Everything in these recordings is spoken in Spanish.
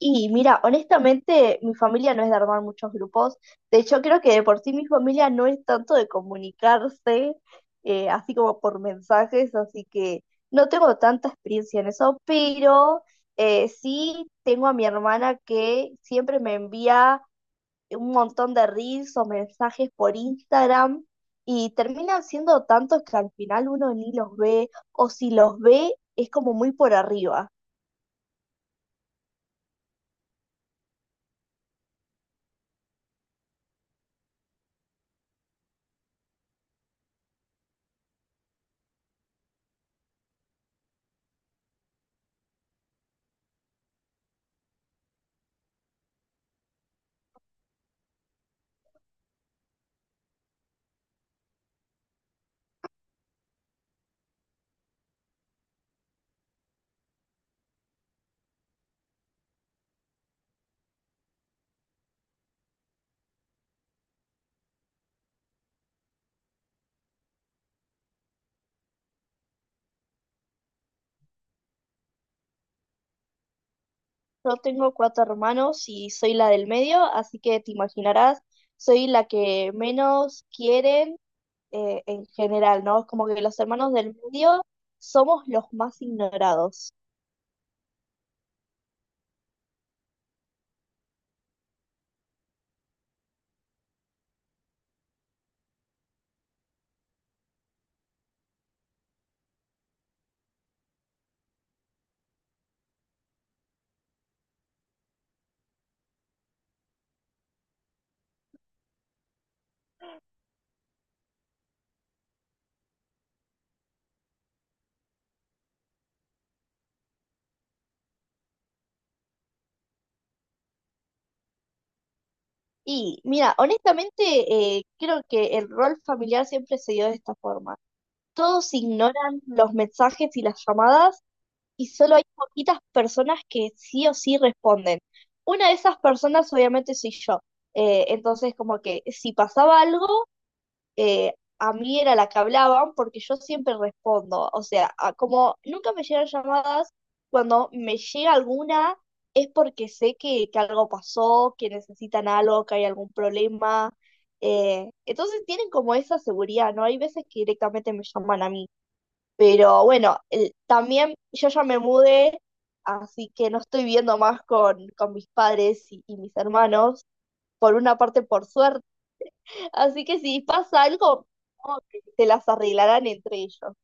Y mira, honestamente, mi familia no es de armar muchos grupos. De hecho, creo que de por sí mi familia no es tanto de comunicarse, así como por mensajes, así que no tengo tanta experiencia en eso, pero sí tengo a mi hermana que siempre me envía un montón de reels o mensajes por Instagram y terminan siendo tantos que al final uno ni los ve, o si los ve, es como muy por arriba. Yo tengo cuatro hermanos y soy la del medio, así que te imaginarás, soy la que menos quieren en general, ¿no? Es como que los hermanos del medio somos los más ignorados. Y mira, honestamente, creo que el rol familiar siempre se dio de esta forma. Todos ignoran los mensajes y las llamadas, y solo hay poquitas personas que sí o sí responden. Una de esas personas obviamente soy yo. Entonces, como que si pasaba algo, a mí era la que hablaban porque yo siempre respondo. O sea, como nunca me llegan llamadas, cuando me llega alguna es porque sé que algo pasó, que necesitan algo, que hay algún problema. Entonces tienen como esa seguridad, ¿no? Hay veces que directamente me llaman a mí. Pero bueno, también yo ya me mudé, así que no estoy viendo más con mis padres y mis hermanos, por una parte por suerte. Así que si pasa algo, como que se las arreglarán entre ellos.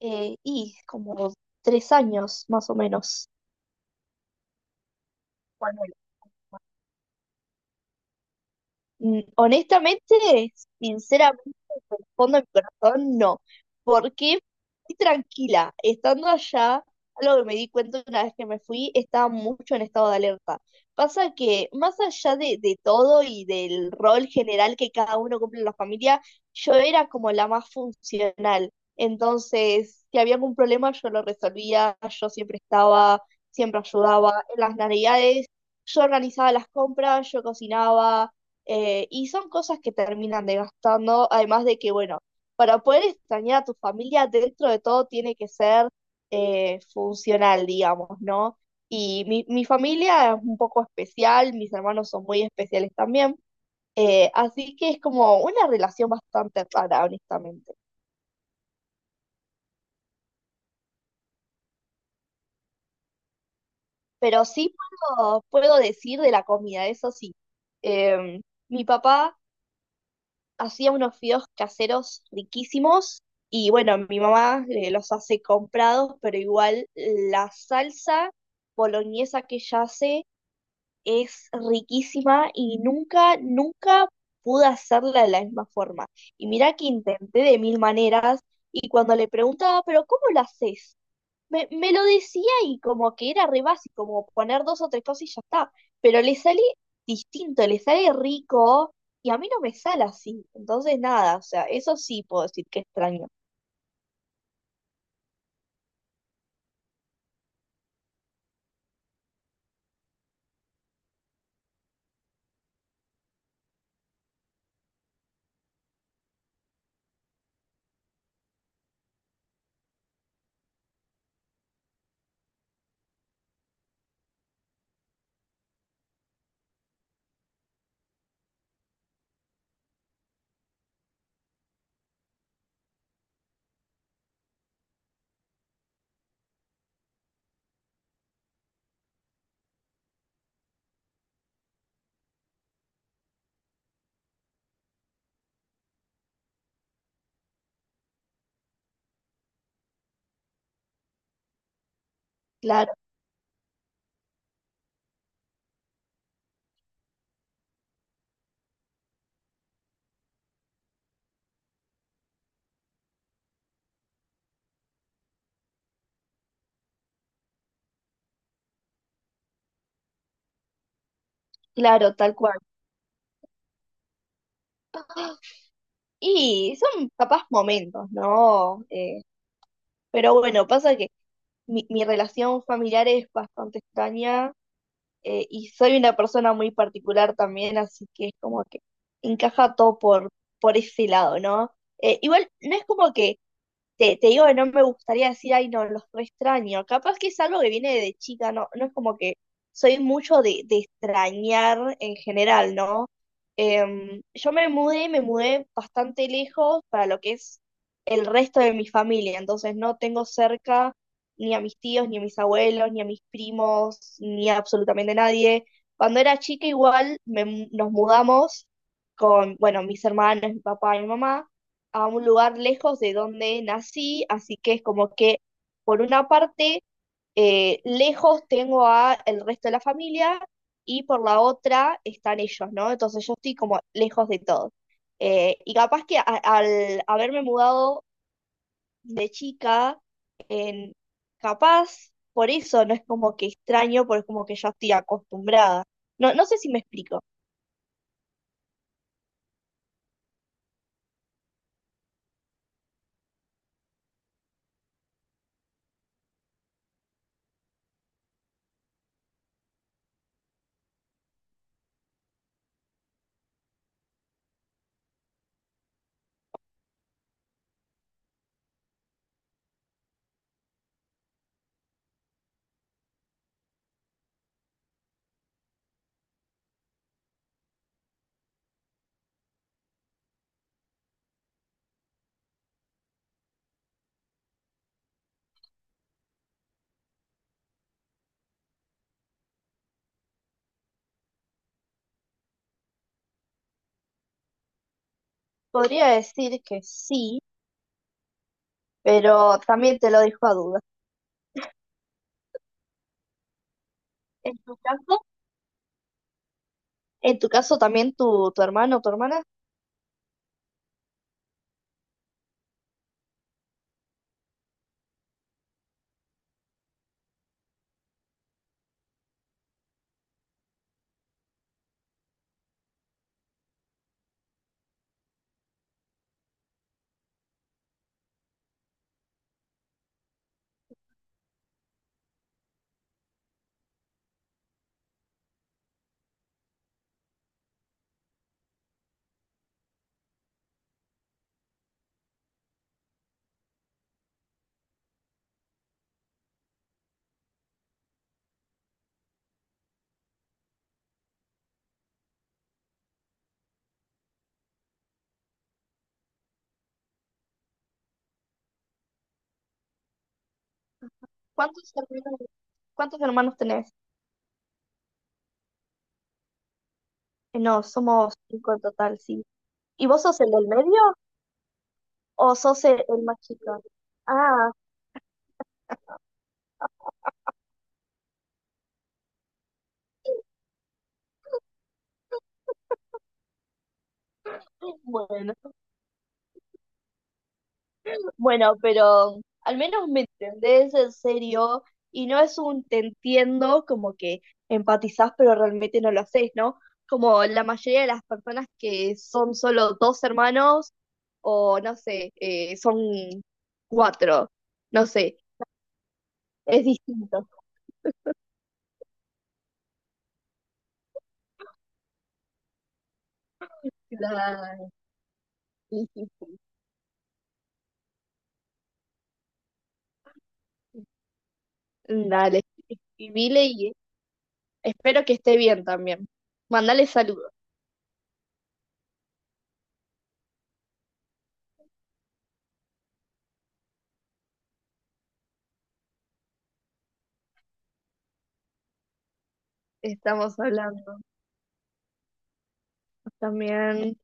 Y como 3 años más o menos. Bueno, honestamente, sinceramente, por el fondo de mi corazón, no. Porque estoy tranquila. Estando allá, algo que me di cuenta una vez que me fui, estaba mucho en estado de alerta. Pasa que, más allá de todo y del rol general que cada uno cumple en la familia, yo era como la más funcional. Entonces, si había algún problema, yo lo resolvía, yo siempre estaba, siempre ayudaba. En las navidades, yo organizaba las compras, yo cocinaba. Y son cosas que terminan desgastando, además de que, bueno, para poder extrañar a tu familia, dentro de todo tiene que ser funcional, digamos, ¿no? Y mi familia es un poco especial, mis hermanos son muy especiales también, así que es como una relación bastante rara, honestamente. Pero sí puedo decir de la comida, eso sí. Em, Mi papá hacía unos fideos caseros riquísimos y bueno, mi mamá los hace comprados, pero igual la salsa boloñesa que ella hace es riquísima y nunca, nunca pude hacerla de la misma forma. Y mira que intenté de mil maneras y cuando le preguntaba, pero ¿cómo la haces? Me lo decía y como que era re básico, como poner dos o tres cosas y ya está. Pero le sale distinto, le sale rico y a mí no me sale así. Entonces, nada, o sea, eso sí puedo decir que extraño. Claro, claro, tal cual. Y son capaz momentos, ¿no? Pero bueno, pasa que mi relación familiar es bastante extraña, y soy una persona muy particular también, así que es como que encaja todo por ese lado, ¿no? Igual, no es como que te digo que no me gustaría decir, ay, no, los re extraño. Capaz que es algo que viene de chica, no, no es como que soy mucho de extrañar en general, ¿no? Yo me mudé bastante lejos para lo que es el resto de mi familia, entonces no tengo cerca ni a mis tíos, ni a mis abuelos, ni a mis primos, ni a absolutamente nadie. Cuando era chica igual nos mudamos con, bueno, mis hermanos, mi papá y mi mamá a un lugar lejos de donde nací, así que es como que por una parte lejos tengo a el resto de la familia y por la otra están ellos, ¿no? Entonces yo estoy como lejos de todos. Y capaz que al haberme mudado de chica, capaz por eso no es como que extraño, porque es como que ya estoy acostumbrada. No, no sé si me explico. Podría decir que sí, pero también te lo dejo a duda. ¿En tu caso? En tu caso también tu hermano o tu hermana, ¿cuántos hermanos, ¿cuántos hermanos tenés? No, somos cinco en total, sí. ¿Y vos sos el del medio o sos el más chico? Ah, bueno, bueno, pero al menos me entendés en serio y no es un te entiendo como que empatizás pero realmente no lo haces, ¿no? Como la mayoría de las personas que son solo dos hermanos o no sé, son cuatro, no sé. Es distinto. Claro, es distinto. Dale, escribile y espero que esté bien también. Mandale saludos. Estamos hablando también.